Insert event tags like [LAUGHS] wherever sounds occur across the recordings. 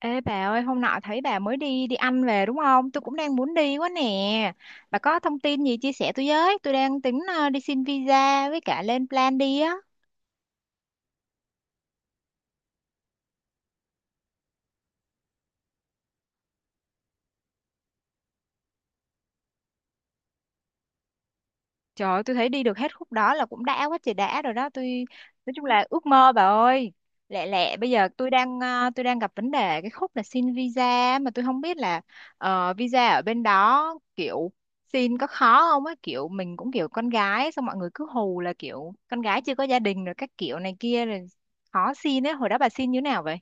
Ê bà ơi, hôm nọ thấy bà mới đi đi ăn về đúng không? Tôi cũng đang muốn đi quá nè. Bà có thông tin gì chia sẻ tôi với? Tôi đang tính đi xin visa với cả lên plan đi á. Trời ơi, tôi thấy đi được hết khúc đó là cũng đã quá trời đã rồi đó. Tôi nói chung là ước mơ bà ơi. Lẹ lẹ bây giờ tôi đang gặp vấn đề cái khúc là xin visa mà tôi không biết là visa ở bên đó kiểu xin có khó không á, kiểu mình cũng kiểu con gái, xong mọi người cứ hù là kiểu con gái chưa có gia đình rồi các kiểu này kia rồi khó xin ấy. Hồi đó bà xin như thế nào vậy?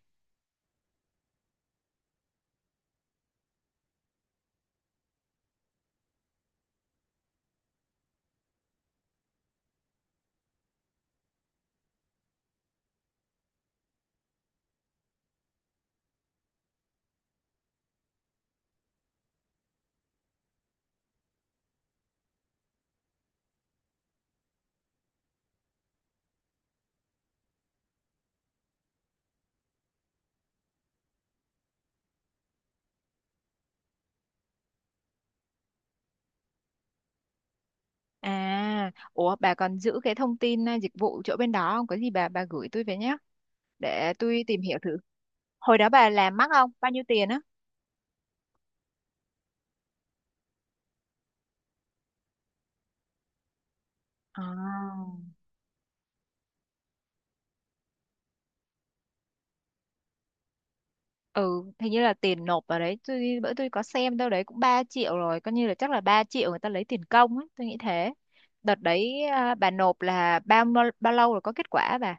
À, ủa bà còn giữ cái thông tin dịch vụ chỗ bên đó không? Có gì bà gửi tôi về nhé, để tôi tìm hiểu thử. Hồi đó bà làm mắc không, bao nhiêu tiền á? À. Ừ, hình như là tiền nộp vào đấy, bữa tôi có xem đâu đấy cũng 3 triệu rồi, coi như là chắc là 3 triệu người ta lấy tiền công ấy, tôi nghĩ thế. Đợt đấy bà nộp là bao bao lâu rồi có kết quả bà?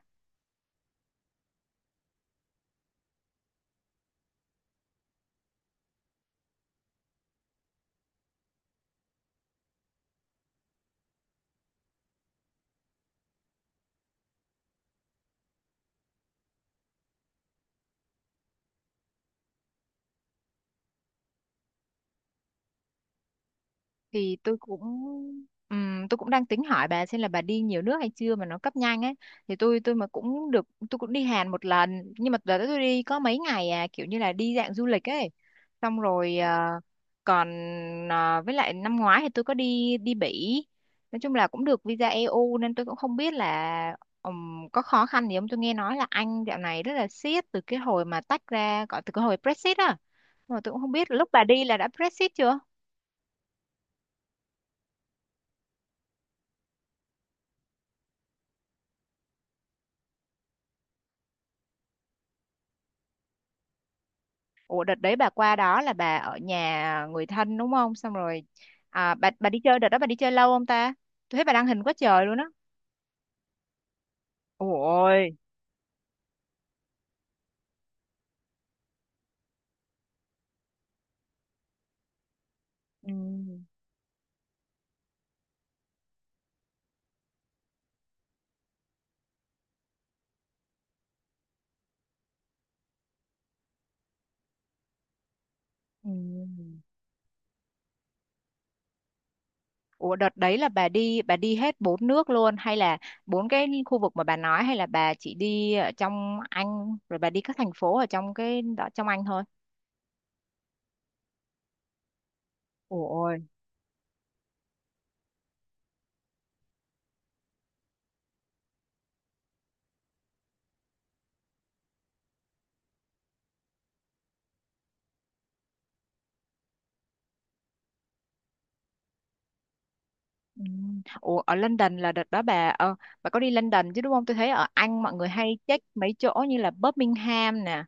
Thì tôi cũng ừm, tôi cũng đang tính hỏi bà xem là bà đi nhiều nước hay chưa mà nó cấp nhanh ấy. Thì tôi mà cũng được, tôi cũng đi Hàn một lần, nhưng mà đợt đó tôi đi có mấy ngày, à kiểu như là đi dạng du lịch ấy. Xong rồi còn với lại năm ngoái thì tôi có đi đi Bỉ, nói chung là cũng được visa EU nên tôi cũng không biết là có khó khăn gì không. Tôi nghe nói là Anh dạo này rất là siết từ cái hồi mà tách ra, gọi từ cái hồi Brexit á, mà tôi cũng không biết lúc bà đi là đã Brexit chưa. Ủa đợt đấy bà qua đó là bà ở nhà người thân đúng không? Xong rồi bà đi chơi, đợt đó bà đi chơi lâu không ta? Tôi thấy bà đăng hình quá trời luôn á. Ôi. Ừ. Ừ. Ủa đợt đấy là bà đi hết bốn nước luôn, hay là bốn cái khu vực mà bà nói, hay là bà chỉ đi ở trong Anh rồi bà đi các thành phố ở trong cái đó trong Anh thôi? Ôi. Ừ. Ủa ở London là đợt đó bà có đi London chứ đúng không? Tôi thấy ở Anh mọi người hay check mấy chỗ như là Birmingham nè,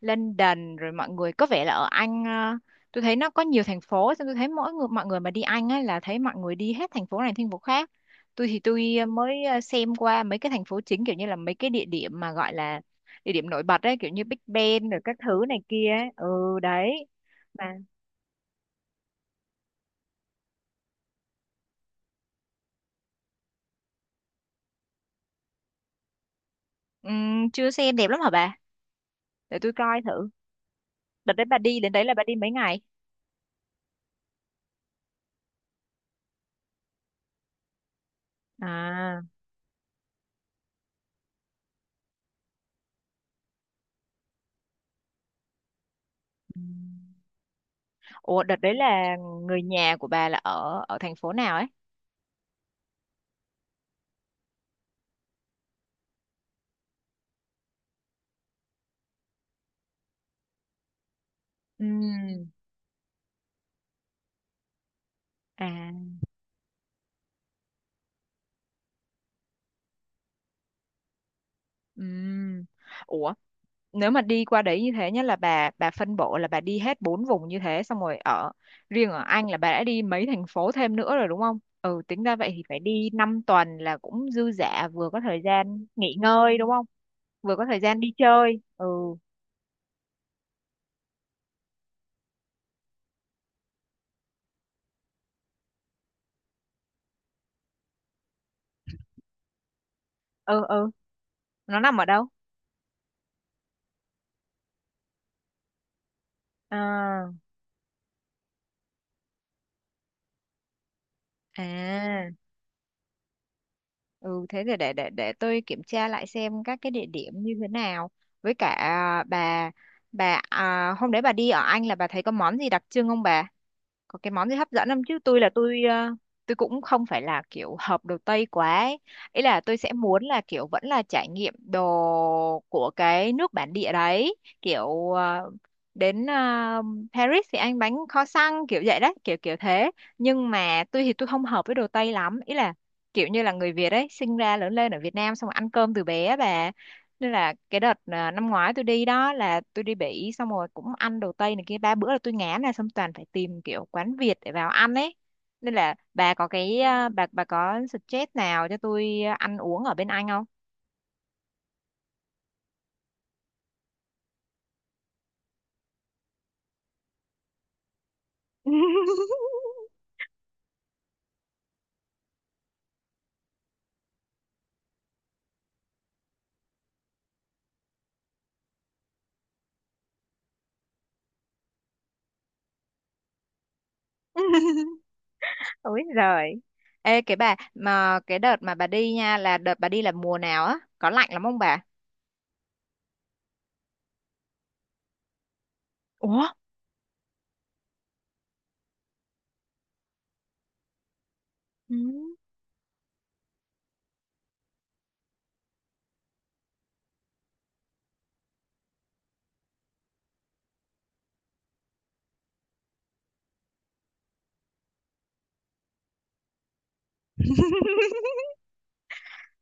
London, rồi mọi người có vẻ là ở Anh tôi thấy nó có nhiều thành phố, xong tôi thấy mỗi người mọi người mà đi Anh á là thấy mọi người đi hết thành phố này thành phố khác. Tôi thì tôi mới xem qua mấy cái thành phố chính, kiểu như là mấy cái địa điểm mà gọi là địa điểm nổi bật ấy, kiểu như Big Ben rồi các thứ này kia ấy. Ừ. Đấy. Mà chưa xem, đẹp lắm hả bà? Để tôi coi thử. Đợt đấy bà đi đến đấy là bà đi mấy ngày? À. Ừm. Ủa đợt đấy là người nhà của bà là ở ở thành phố nào ấy? Ừm. À. Ừm. Ủa, nếu mà đi qua đấy như thế nhá là bà phân bổ là bà đi hết bốn vùng như thế, xong rồi riêng ở Anh là bà đã đi mấy thành phố thêm nữa rồi đúng không? Ừ, tính ra vậy thì phải đi 5 tuần là cũng dư dả, vừa có thời gian nghỉ ngơi đúng không? Vừa có thời gian đi chơi. Ừ. Ừ, ừ, nó nằm ở đâu? À. À. Ừ, thế thì để tôi kiểm tra lại xem các cái địa điểm như thế nào. Với cả bà, hôm đấy bà đi ở Anh là bà thấy có món gì đặc trưng không bà? Có cái món gì hấp dẫn không, chứ tôi cũng không phải là kiểu hợp đồ Tây quá ấy. Ý là tôi sẽ muốn là kiểu vẫn là trải nghiệm đồ của cái nước bản địa đấy, kiểu đến Paris thì ăn bánh kho xăng kiểu vậy đấy, kiểu kiểu thế. Nhưng mà tôi thì tôi không hợp với đồ Tây lắm, ý là kiểu như là người Việt ấy sinh ra lớn lên ở Việt Nam xong rồi ăn cơm từ bé á bà, nên là cái đợt năm ngoái tôi đi đó là tôi đi Bỉ, xong rồi cũng ăn đồ Tây này kia ba bữa là tôi ngán này, xong toàn phải tìm kiểu quán Việt để vào ăn ấy. Nên là bà có cái bà có suggest nào cho tôi ăn uống ở bên Anh không? [LAUGHS] Ôi giời. Ê cái đợt mà bà đi nha là đợt bà đi là mùa nào á? Có lạnh lắm không bà? Ủa? Ừ.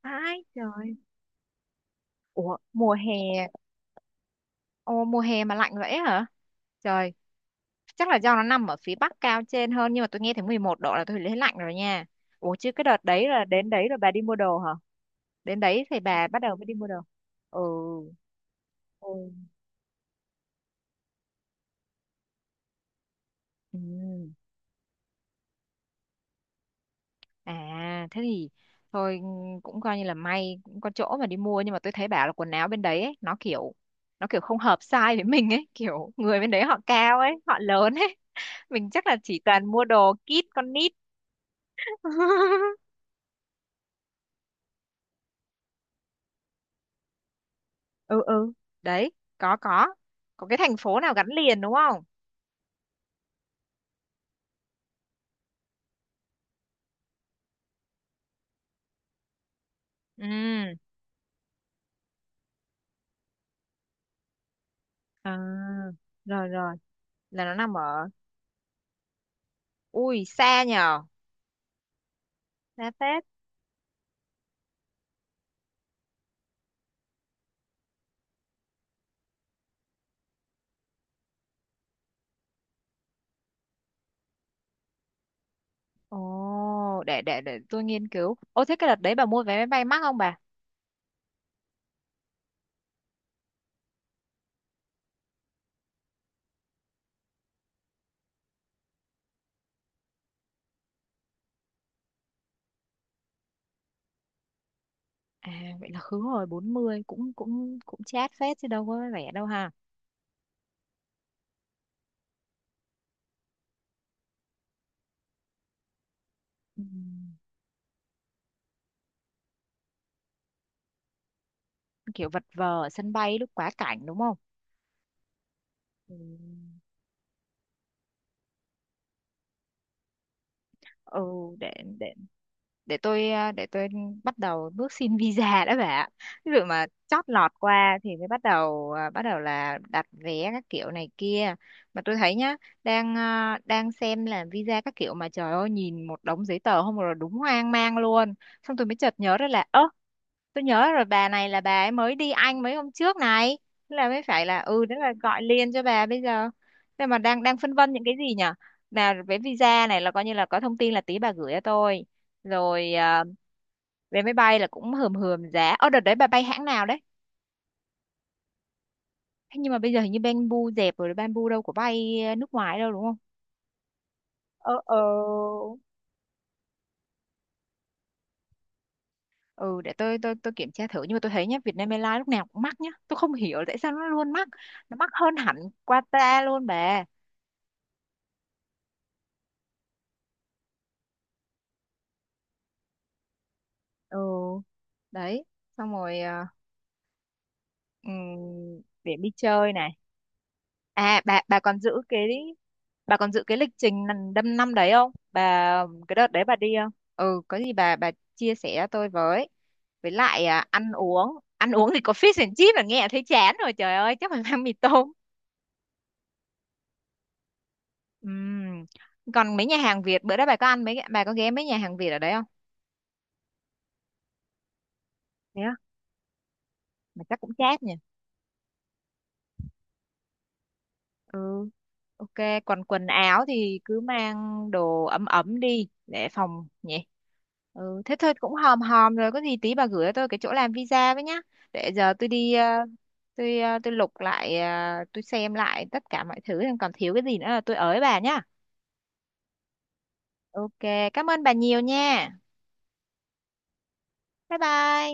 Ai trời. Ủa mùa hè. Ồ mùa hè mà lạnh vậy hả? Trời, chắc là do nó nằm ở phía bắc cao trên hơn, nhưng mà tôi nghe thấy 11 độ là tôi thấy lạnh rồi nha. Ủa chứ cái đợt đấy là đến đấy rồi bà đi mua đồ hả? Đến đấy thì bà bắt đầu mới đi mua đồ. Ừ. Ừ. Ừ. À thế thì thôi, ừ, cũng coi như là may cũng có chỗ mà đi mua, nhưng mà tôi thấy bảo là quần áo bên đấy ấy, nó kiểu không hợp size với mình ấy, kiểu người bên đấy họ cao ấy họ lớn ấy, mình chắc là chỉ toàn mua đồ kid con nít. [LAUGHS] ừ. Ừ. Đấy. Có. Có. Có cái thành phố nào gắn liền đúng không? Ừ. à, Rồi rồi, là nó nằm ở. Ui xa nhờ. Xa phết. Ồ, để tôi nghiên cứu. Ô thế cái đợt đấy bà mua vé máy bay mắc không bà? À, vậy là khứ hồi 40, cũng cũng cũng chát phết chứ đâu có rẻ đâu ha. Ừ. Kiểu vật vờ ở sân bay lúc quá cảnh đúng không? Ừ, ừ, để để để tôi bắt đầu bước xin visa [LAUGHS] đã bà ạ. Ví dụ mà chót lọt qua thì mới bắt đầu là đặt vé các kiểu này kia. Mà tôi thấy nhá, đang xem là visa các kiểu mà trời ơi nhìn một đống giấy tờ không rồi đúng hoang mang luôn, xong tôi mới chợt nhớ ra là ơ tôi nhớ rồi, bà này là bà ấy mới đi Anh mấy hôm trước này, thế là mới phải là, thế là gọi liền cho bà bây giờ. Thế mà đang đang phân vân những cái gì nhở, là về visa này là coi như là có thông tin là tí bà gửi cho tôi. Rồi vé máy bay là cũng hườm hườm giá, ở đợt đấy bà bay hãng nào đấy? Thế nhưng mà bây giờ hình như Bamboo dẹp rồi, Bamboo đâu có bay nước ngoài đâu đúng không? Ờ, ờ. Ừ, để tôi kiểm tra thử, nhưng mà tôi thấy nhá Vietnam Airlines lúc nào cũng mắc nhá, tôi không hiểu tại sao nó luôn mắc, nó mắc hơn hẳn Qatar luôn bà. Ừ. Đấy. Xong rồi ừm, để đi chơi này. À bà còn giữ cái, lịch trình năm năm đấy không bà? Cái đợt đấy bà đi không, ừ, có gì bà chia sẻ tôi với lại ăn uống thì có fish and chips là nghe thấy chán rồi trời ơi chắc phải mang mì tôm. Ừm, còn mấy nhà hàng Việt bữa đó bà có ghé mấy nhà hàng Việt ở đấy không? Thế á? Mà chắc cũng chát nhỉ. Ừ. OK. Còn quần áo thì cứ mang đồ ấm ấm đi để phòng nhỉ. Ừ, thế thôi cũng hòm hòm rồi, có gì tí bà gửi cho tôi cái chỗ làm visa với nhá, để giờ tôi đi ờ, tôi lục lại ờ, tôi xem lại tất cả mọi thứ còn thiếu cái gì nữa là tôi ới bà nhá. OK. Cảm ơn bà nhiều nha. Bye bye.